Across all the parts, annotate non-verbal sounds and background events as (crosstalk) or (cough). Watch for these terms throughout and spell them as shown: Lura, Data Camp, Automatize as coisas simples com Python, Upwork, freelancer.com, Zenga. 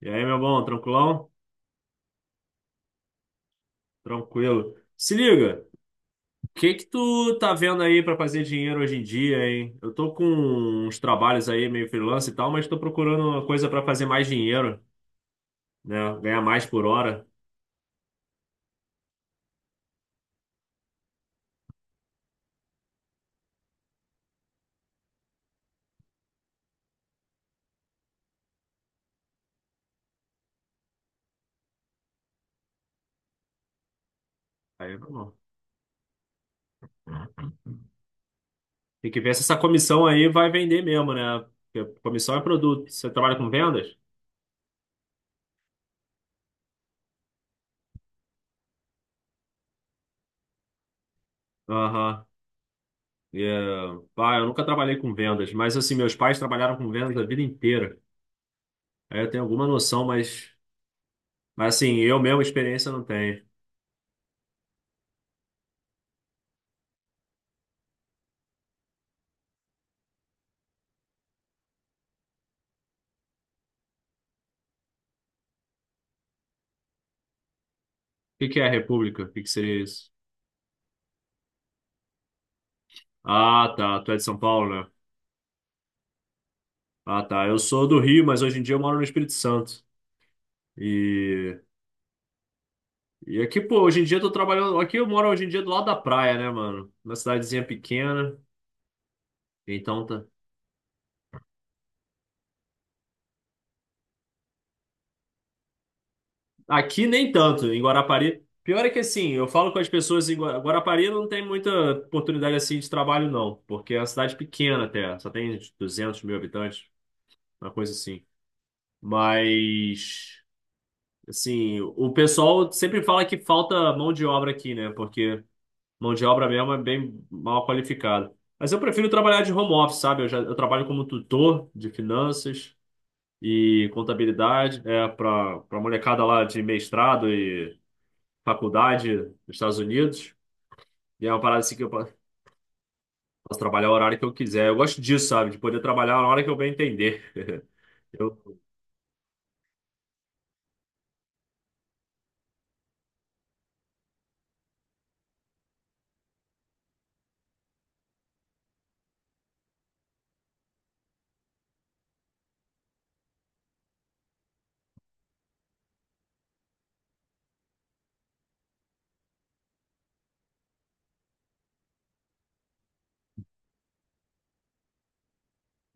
E aí, meu bom, tranquilão? Tranquilo. Se liga, o que que tu tá vendo aí pra fazer dinheiro hoje em dia, hein? Eu tô com uns trabalhos aí meio freelance e tal, mas tô procurando uma coisa pra fazer mais dinheiro, né? Ganhar mais por hora. Aí, vamos. Tem que ver se essa comissão aí vai vender mesmo, né? Porque comissão é produto. Você trabalha com vendas? Aham. E, eh, pá, eu nunca trabalhei com vendas, mas assim, meus pais trabalharam com vendas a vida inteira. Aí eu tenho alguma noção, mas assim, eu mesmo experiência não tenho. Que é a República? O que que seria isso? Ah, tá. Tu é de São Paulo, né? Ah, tá. Eu sou do Rio, mas hoje em dia eu moro no Espírito Santo. E, e aqui, pô, hoje em dia eu tô trabalhando. Aqui eu moro hoje em dia do lado da praia, né, mano? Uma cidadezinha pequena. Então tá. Aqui nem tanto, em Guarapari. Pior é que assim, eu falo com as pessoas em Guarapari não tem muita oportunidade assim de trabalho, não. Porque é uma cidade pequena até. Só tem 200 mil habitantes, uma coisa assim. Mas. Assim, o pessoal sempre fala que falta mão de obra aqui, né? Porque mão de obra mesmo é bem mal qualificada. Mas eu prefiro trabalhar de home office, sabe? Eu já eu trabalho como tutor de finanças e contabilidade, é, para molecada lá de mestrado e faculdade nos Estados Unidos. E é uma parada assim que eu posso trabalhar o horário que eu quiser. Eu gosto disso, sabe? De poder trabalhar a hora que eu bem entender. Eu-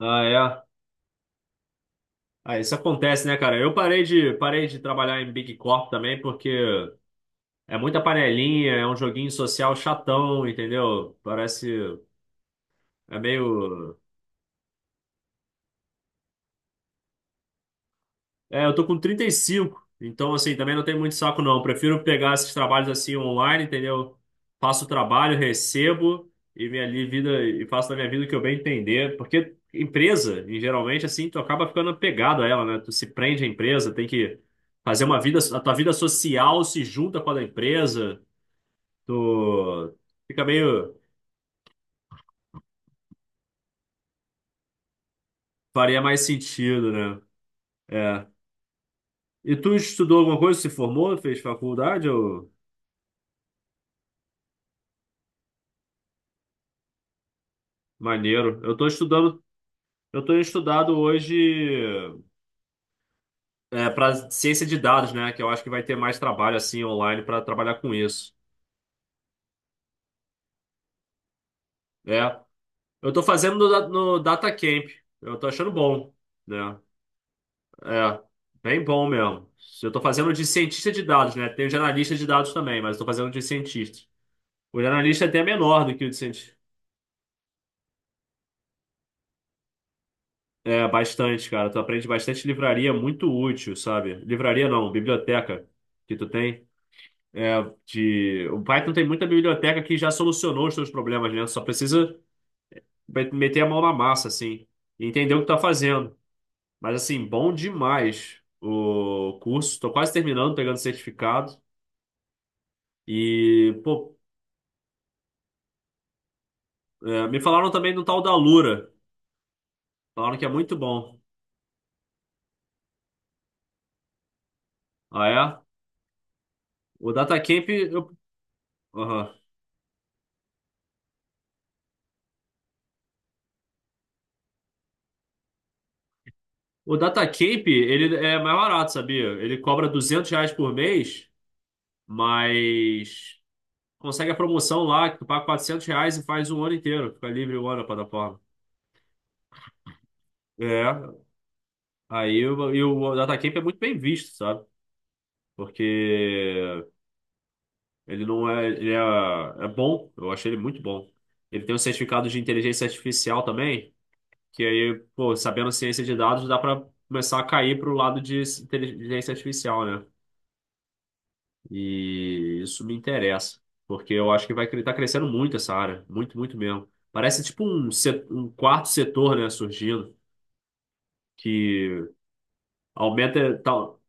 Ah, é. Ah, isso acontece, né, cara? Eu parei de trabalhar em Big Corp também porque é muita panelinha, é um joguinho social chatão, entendeu? Parece. É meio. É, eu tô com 35, então assim, também não tem muito saco não. Prefiro pegar esses trabalhos assim online, entendeu? Faço o trabalho, recebo e minha vida e faço da minha vida o que eu bem entender, porque empresa, em geralmente assim, tu acaba ficando pegado a ela, né? Tu se prende à empresa, tem que fazer uma vida, a tua vida social se junta com a da empresa, tu fica meio faria mais sentido, né? É. E tu estudou alguma coisa? Se formou? Fez faculdade? Ou... Maneiro. Eu tô estudado hoje é, para ciência de dados, né? Que eu acho que vai ter mais trabalho assim online para trabalhar com isso. É. Eu tô fazendo no Data Camp. Eu tô achando bom, né? É, bem bom mesmo. Eu tô fazendo de cientista de dados, né? Tem o de analista de dados também, mas eu tô fazendo de cientista. O de analista é até menor do que o de cientista. É, bastante, cara. Tu aprende bastante livraria, muito útil, sabe? Livraria não, biblioteca que tu tem. É, de... O Python tem muita biblioteca que já solucionou os teus problemas, né? Só precisa meter a mão na massa, assim, e entender o que tá fazendo. Mas, assim, bom demais o curso. Tô quase terminando, pegando certificado. E, pô, é, me falaram também do tal da Lura. Falaram que é muito bom. Ah, é? O DataCamp, eu... Aham. O DataCamp, ele é mais barato, sabia? Ele cobra 200 reais por mês, mas consegue a promoção lá, que tu paga 400 reais e faz um ano inteiro. Fica livre o ano na plataforma. É, aí o, e o DataCamp é muito bem visto, sabe? Porque ele não é, ele é, é bom, eu achei ele muito bom. Ele tem um certificado de inteligência artificial também, que aí, pô, sabendo ciência de dados, dá pra começar a cair pro lado de inteligência artificial, né? E isso me interessa, porque eu acho que vai estar crescendo muito essa área, muito, muito mesmo. Parece tipo um, um quarto setor, né, surgindo, que aumenta tal.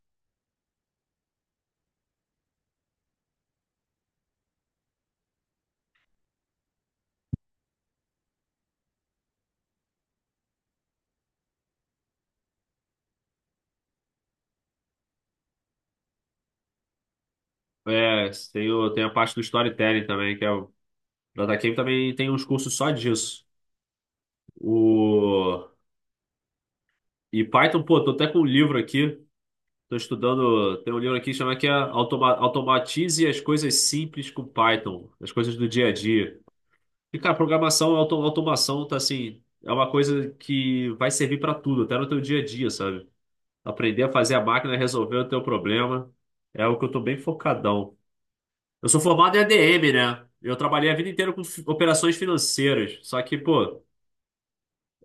É, tem, tem a parte do storytelling também, que é o da Datacamp também tem uns cursos só disso. O, e Python, pô, tô até com um livro aqui, tô estudando, tem um livro aqui que chama que é Automatize as coisas simples com Python, as coisas do dia a dia. E, cara, programação, automação, tá assim, é uma coisa que vai servir pra tudo, até no teu dia a dia, sabe? Aprender a fazer a máquina resolver o teu problema é o que eu tô bem focadão. Eu sou formado em ADM, né? Eu trabalhei a vida inteira com operações financeiras, só que, pô,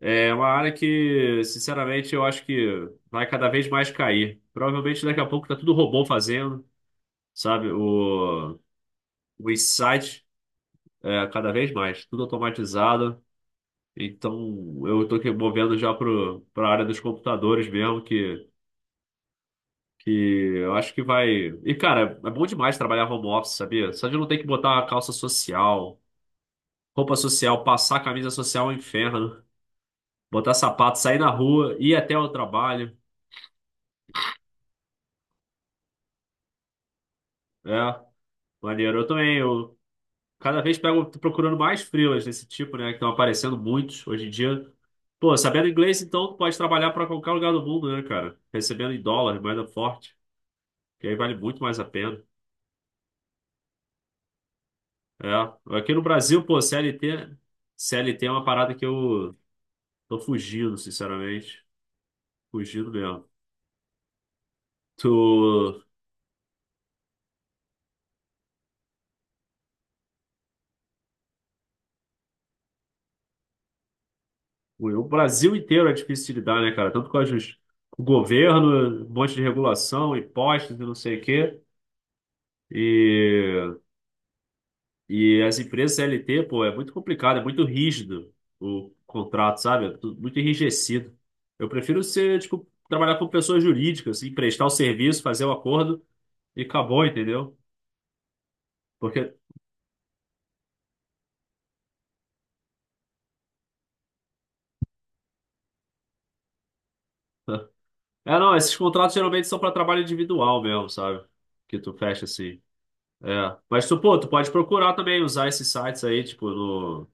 é uma área que, sinceramente, eu acho que vai cada vez mais cair. Provavelmente daqui a pouco tá tudo robô fazendo, sabe? O insight, é, cada vez mais, tudo automatizado. Então, eu estou movendo já para a área dos computadores mesmo, que eu acho que vai. E, cara, é bom demais trabalhar home office, sabia? Só de não ter que botar uma calça social, roupa social, passar camisa social é um inferno, botar sapato, sair na rua, ir até o trabalho. É, maneiro. Eu também, eu cada vez pego, tô procurando mais freelas desse tipo, né, que estão aparecendo muitos hoje em dia. Pô, sabendo inglês, então, tu pode trabalhar para qualquer lugar do mundo, né, cara? Recebendo em dólar, moeda forte, que aí vale muito mais a pena. É, aqui no Brasil, pô, CLT, CLT é uma parada que eu tô fugindo, sinceramente. Fugindo mesmo. Tu, o Brasil inteiro é difícil de lidar, né, cara? Tanto com a justiça, o governo, um monte de regulação, impostos e não sei o quê. E, e as empresas CLT, pô, é muito complicado, é muito rígido o contrato, sabe? É tudo muito enrijecido. Eu prefiro ser, tipo, trabalhar com pessoas jurídicas, assim, prestar o serviço, fazer o acordo e acabou, entendeu? Porque. (laughs) É, não, esses contratos geralmente são para trabalho individual mesmo, sabe? Que tu fecha assim. É. Mas tu, pô, tu pode procurar também usar esses sites aí, tipo, no.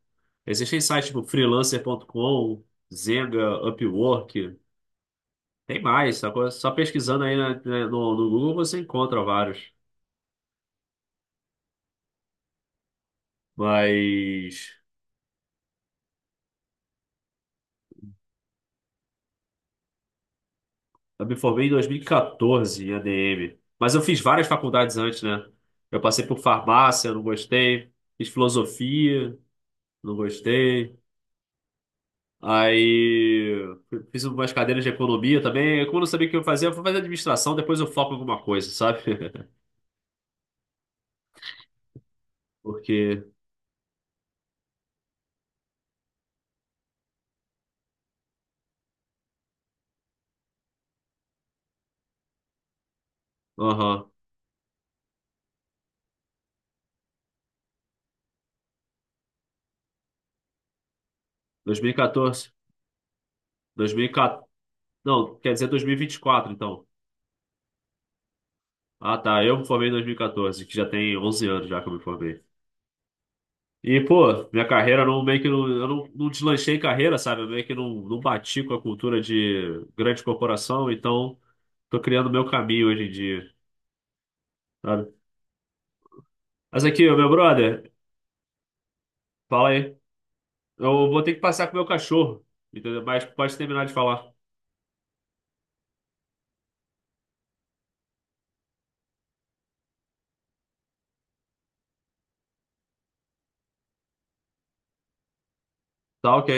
Existem sites tipo freelancer.com, Zenga, Upwork, tem mais, sacou? Só pesquisando aí no Google você encontra vários. Mas eu me formei em 2014 em ADM. Mas eu fiz várias faculdades antes, né? Eu passei por farmácia, não gostei. Fiz filosofia, não gostei. Aí fiz umas cadeiras de economia também. Como eu não sabia o que eu fazia, eu fui fazer administração, depois eu foco em alguma coisa, sabe? (laughs) Porque, aham, 2014, 2014, não, quer dizer 2024, então. Ah, tá, eu me formei em 2014, que já tem 11 anos já que eu me formei. E, pô, minha carreira não, meio que não, eu não deslanchei em carreira, sabe? Eu meio que não bati com a cultura de grande corporação, então tô criando meu caminho hoje em dia, sabe? Mas aqui, meu brother, fala aí. Eu vou ter que passar com o meu cachorro, entendeu? Mas pode terminar de falar. Tá ok.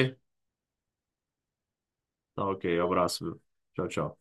Tá ok. Abraço, meu. Tchau, tchau.